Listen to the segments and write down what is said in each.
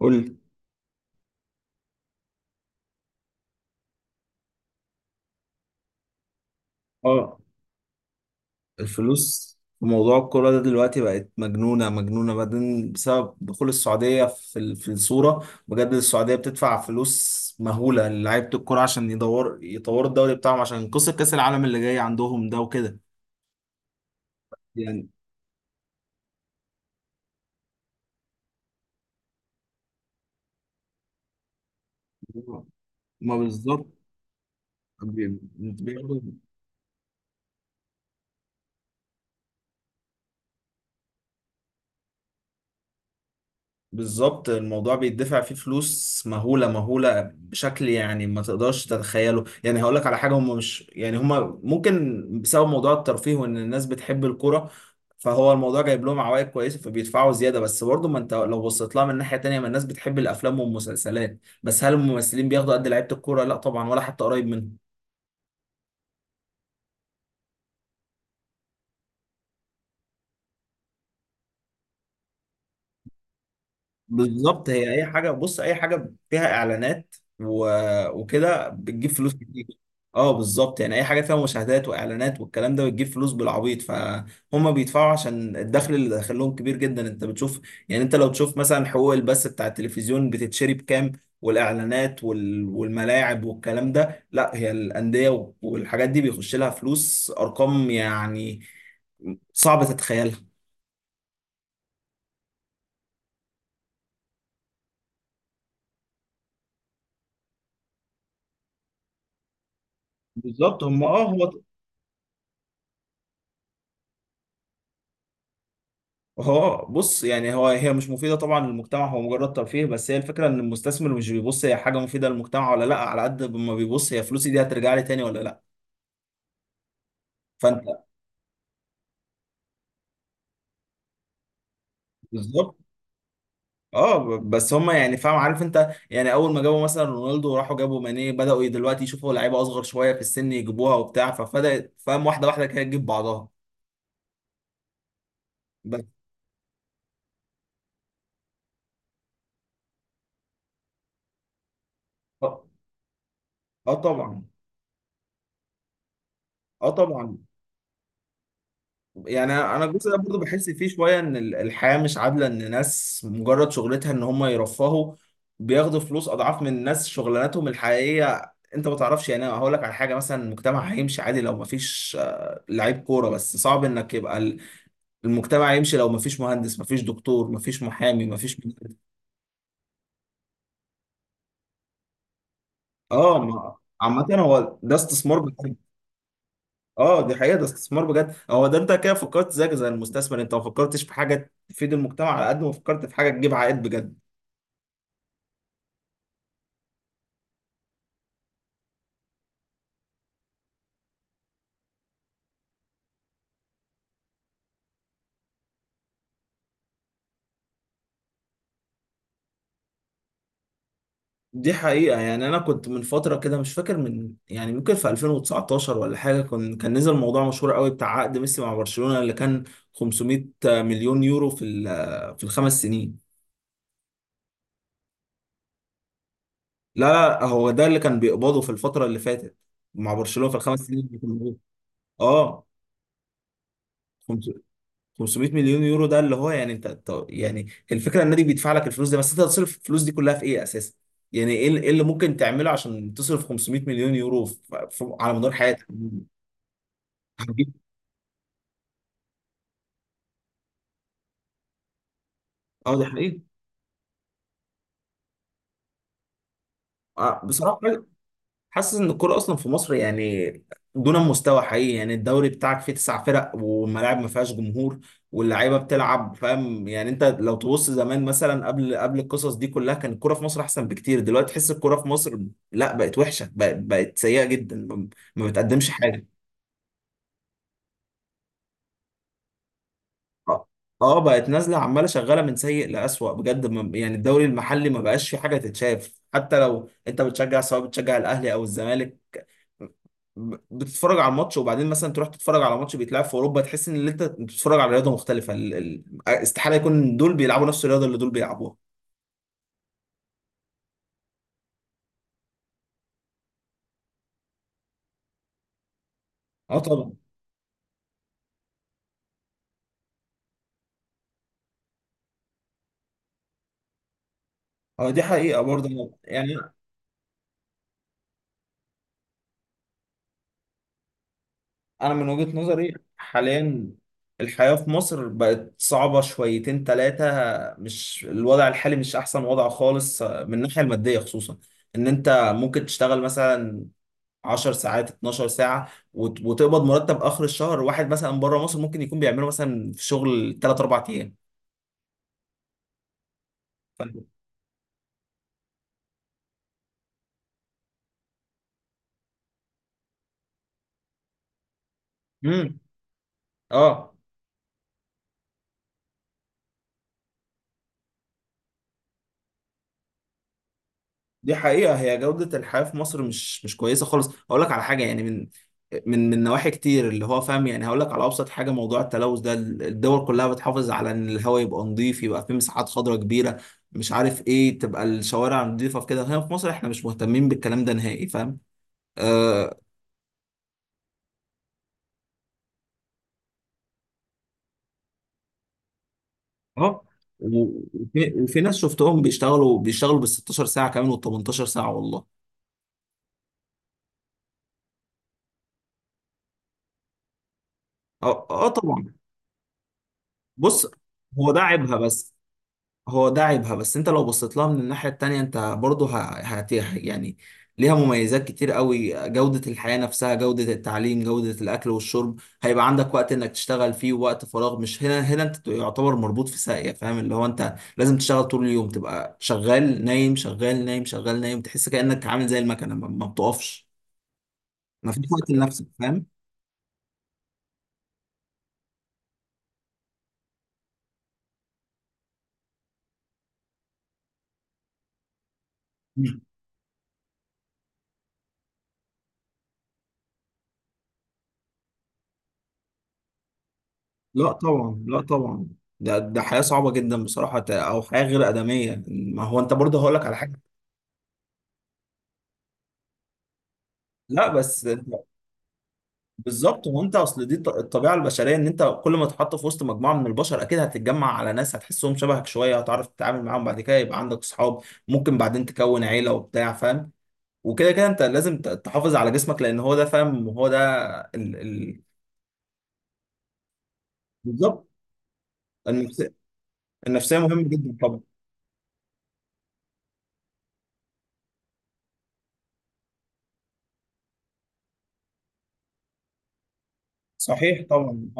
قول. اه، الفلوس في موضوع الكرة ده دلوقتي بقت مجنونة مجنونة بعدين بسبب دخول السعودية في الصورة. بجد السعودية بتدفع فلوس مهولة للعيبة الكرة عشان يدور يطوروا الدوري بتاعهم عشان ينقذوا كأس العالم اللي جاي عندهم ده وكده. يعني ما بالظبط، بياخدوا. بالظبط، الموضوع بيدفع فيه فلوس مهولة مهولة بشكل يعني ما تقدرش تتخيله. يعني هقول لك على حاجة، هم مش، يعني هم ممكن بسبب موضوع الترفيه وان الناس بتحب الكرة، فهو الموضوع جايب لهم عوائد كويسة فبيدفعوا زيادة. بس برضه، ما انت لو بصيت لها من ناحية تانية، ما الناس بتحب الافلام والمسلسلات، بس هل الممثلين بياخدوا قد لعيبة الكرة؟ لا طبعا، ولا حتى قريب منهم. بالظبط، هي اي حاجه، بص، اي حاجه فيها اعلانات و... وكده بتجيب فلوس كتير. اه بالظبط، يعني اي حاجه فيها مشاهدات واعلانات والكلام ده بتجيب فلوس بالعبيط، فهم بيدفعوا عشان الدخل اللي داخلهم كبير جدا، انت بتشوف. يعني انت لو تشوف مثلا حقوق البث بتاع التلفزيون بتتشري بكام، والاعلانات والملاعب والكلام ده، لا هي الانديه والحاجات دي بيخش لها فلوس، ارقام يعني صعب تتخيلها. بالظبط، هم، هو بص، يعني هو، هي مش مفيدة طبعا للمجتمع، هو مجرد ترفيه بس. هي الفكرة ان المستثمر مش بيبص هي حاجة مفيدة للمجتمع ولا لا، على قد ما بيبص هي فلوسي دي هترجع لي تاني ولا لا. فانت، بالظبط. اه بس هما، يعني، فاهم؟ عارف انت، يعني اول ما جابوا مثلا رونالدو وراحوا جابوا ماني، بدأوا دلوقتي يشوفوا لعيبة اصغر شوية في السن يجيبوها وبتاع، فبدأت فاهم، واحدة واحدة كده تجيب بعضها. بس. اه آه طبعا. اه طبعا. يعني انا الجزء ده برضه بحس فيه شويه ان الحياه مش عادله، ان ناس مجرد شغلتها ان هم يرفهوا بياخدوا فلوس اضعاف من ناس شغلانتهم الحقيقيه، انت ما تعرفش. يعني انا هقول لك على حاجه، مثلا المجتمع هيمشي عادي لو ما فيش لعيب كوره، بس صعب انك يبقى المجتمع يمشي لو ما فيش مهندس، ما فيش دكتور، ما فيش محامي، ما فيش. اه. عامه هو ده استثمار بجد. اه دي حقيقه، ده استثمار بجد، هو ده. انت كده فكرت زيك زي المستثمر، انت ما فكرتش في حاجه تفيد المجتمع على قد ما فكرت في حاجه تجيب عائد بجد. دي حقيقة، يعني أنا كنت من فترة كده، مش فاكر من، يعني ممكن في 2019 ولا حاجة، كان نزل موضوع مشهور قوي بتاع عقد ميسي مع برشلونة اللي كان 500 مليون يورو في الخمس سنين. لا لا، هو ده اللي كان بيقبضه في الفترة اللي فاتت مع برشلونة في الخمس سنين اللي كانوا موجود. اه، 500 مليون يورو ده اللي هو، يعني انت، يعني الفكرة، النادي بيدفع لك الفلوس دي، بس انت هتصرف الفلوس دي كلها في ايه اساسا؟ يعني ايه اللي ممكن تعمله عشان تصرف 500 مليون يورو على مدار حياتك؟ اه دي حقيقة. بصراحة حاسس ان الكورة اصلا في مصر، يعني دون مستوى حقيقي. يعني الدوري بتاعك فيه تسع فرق والملاعب ما فيهاش جمهور واللعيبة بتلعب، فاهم، يعني انت لو تبص زمان مثلا قبل قبل القصص دي كلها، كان الكورة في مصر احسن بكتير. دلوقتي تحس الكورة في مصر، لا بقت وحشة، بقت سيئة جدا. ما بتقدمش حاجة. اه. بقت نازلة عمالة شغالة من سيء لأسوأ بجد. يعني الدوري المحلي ما بقاش في حاجة تتشاف، حتى لو انت بتشجع، سواء بتشجع الاهلي او الزمالك، بتتفرج على الماتش وبعدين مثلا تروح تتفرج على ماتش بيتلعب في اوروبا، تحس ان اللي انت بتتفرج على رياضه مختلفه. استحاله يكون دول بيلعبوا نفس الرياضه اللي دول بيلعبوها. اه طبعا. اه دي حقيقه برضه، يعني انا من وجهه نظري حاليا الحياه في مصر بقت صعبه شويتين ثلاثه. مش الوضع الحالي مش احسن وضع خالص، من الناحيه الماديه خصوصا. ان انت ممكن تشتغل مثلا 10 ساعات 12 ساعة وتقبض مرتب آخر الشهر، واحد مثلا بره مصر ممكن يكون بيعمله مثلا في شغل 3 4 أيام. امم اه دي حقيقة. هي جودة الحياة في مصر مش كويسة خالص. هقول لك على حاجة، يعني من من نواحي كتير، اللي هو فاهم، يعني هقول لك على أبسط حاجة: موضوع التلوث ده، الدول كلها بتحافظ على إن الهواء يبقى نظيف، يبقى فيه مساحات خضراء كبيرة، مش عارف إيه، تبقى الشوارع نظيفة في كده. هنا في مصر إحنا مش مهتمين بالكلام ده نهائي، فاهم آه، اه. وفي ناس شفتهم بيشتغلوا بال 16 ساعه كمان وال 18 ساعه، والله. اه. اه طبعا. بص، هو ده عيبها بس. هو ده عيبها بس، انت لو بصيت لها من الناحيه التانيه، انت برضه، ه- هت يعني ليها مميزات كتير قوي، جوده الحياه نفسها، جوده التعليم، جوده الاكل والشرب، هيبقى عندك وقت انك تشتغل فيه ووقت فراغ، مش هنا انت يعتبر مربوط في ساقيه، فاهم، اللي هو انت لازم تشتغل طول اليوم، تبقى شغال نايم، شغال نايم، شغال نايم، تحس كانك عامل زي المكنه، ما بتقفش، ما فيش وقت لنفسك، فاهم. مم. لا طبعا، لا طبعا. ده حياة صعبة جدا بصراحة، أو حياة غير آدمية. ما هو أنت برضه، هقول لك على حاجة. لا، بس. بالظبط، هو أنت، أصل دي الطبيعة البشرية، إن أنت كل ما تتحط في وسط مجموعة من البشر أكيد هتتجمع على ناس هتحسهم شبهك شوية، هتعرف تتعامل معاهم بعد كده يبقى عندك أصحاب، ممكن بعدين تكون عيلة وبتاع، فاهم. وكده أنت لازم تحافظ على جسمك، لأن هو ده فاهم، هو ده ال... ال... بالظبط. النفسية النفسية مهمة جدا طبعا. صحيح طبعا.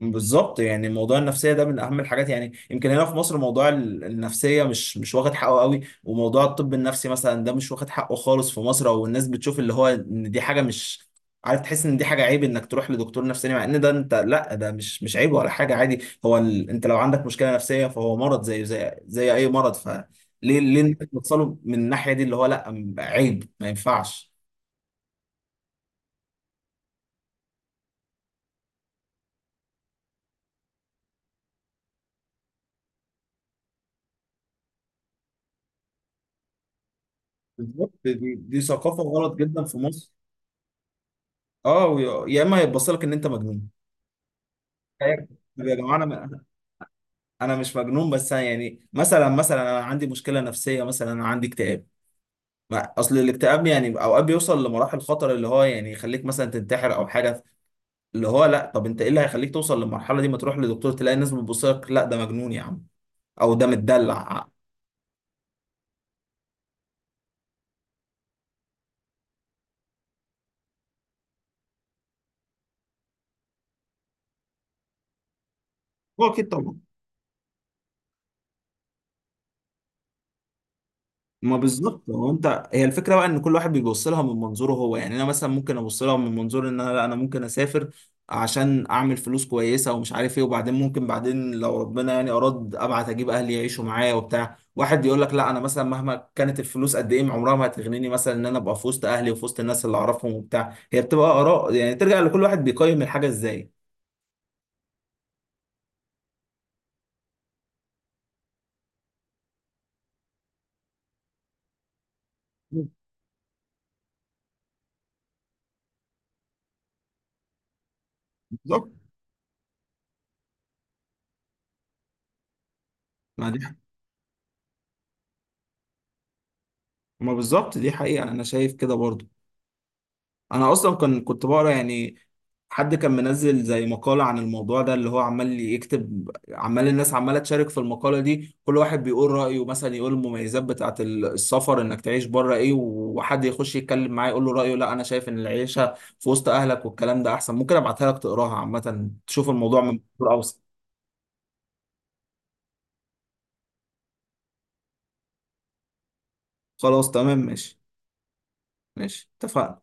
بالظبط، يعني موضوع النفسيه ده من اهم الحاجات. يعني يمكن هنا في مصر موضوع النفسيه مش واخد حقه قوي، وموضوع الطب النفسي مثلا ده مش واخد حقه خالص في مصر. او الناس بتشوف اللي هو ان دي حاجه، مش عارف، تحس ان دي حاجه عيب انك تروح لدكتور نفساني، مع ان ده انت، لا ده مش عيب ولا حاجه، عادي. هو انت لو عندك مشكله نفسيه فهو مرض زي زي اي مرض، فليه؟ ليه الناس بتصله من الناحيه دي، اللي هو لا عيب، ما ينفعش. بالظبط. دي ثقافه غلط جدا في مصر. اه. يا اما يتبصلك ان انت مجنون. طيب يا جماعه، انا مش مجنون، بس أنا يعني مثلا انا عندي مشكله نفسيه، مثلا انا عندي اكتئاب. اصل الاكتئاب يعني اوقات بيوصل لمراحل خطر، اللي هو يعني يخليك مثلا تنتحر او حاجه. اللي هو لا، طب انت ايه اللي هيخليك توصل للمرحله دي؟ ما تروح لدكتور تلاقي الناس بتبص لك: لا ده مجنون يا عم، او ده متدلع. هو اكيد طبعا. ما بالظبط، هو انت، هي الفكره بقى ان كل واحد بيبص لها من منظوره هو. يعني انا مثلا ممكن ابص لها من منظور ان انا، لا، انا ممكن اسافر عشان اعمل فلوس كويسه ومش عارف ايه، وبعدين ممكن بعدين لو ربنا يعني اراد ابعت اجيب اهلي يعيشوا معايا وبتاع. واحد يقول لك لا، انا مثلا مهما كانت الفلوس قد ايه عمرها ما هتغنيني مثلا ان انا ابقى في وسط اهلي وفي وسط الناس اللي اعرفهم وبتاع. هي بتبقى اراء، يعني ترجع لكل واحد بيقيم الحاجه ازاي. بالظبط. ما دي، ما بالظبط دي حقيقه، انا شايف كده برضه. انا اصلا كان كنت بقرا، يعني حد كان منزل زي مقالة عن الموضوع ده، اللي هو عمال يكتب، عمال الناس عمالة تشارك في المقالة دي، كل واحد بيقول رأيه. مثلا يقول المميزات بتاعة السفر، انك تعيش بره ايه. وحد يخش يتكلم معاه يقول له رأيه: لا انا شايف ان العيشة في وسط اهلك والكلام ده احسن. ممكن ابعتها لك تقراها، عامة تشوف الموضوع من منظور اوسع. خلاص تمام ماشي. ماشي اتفقنا.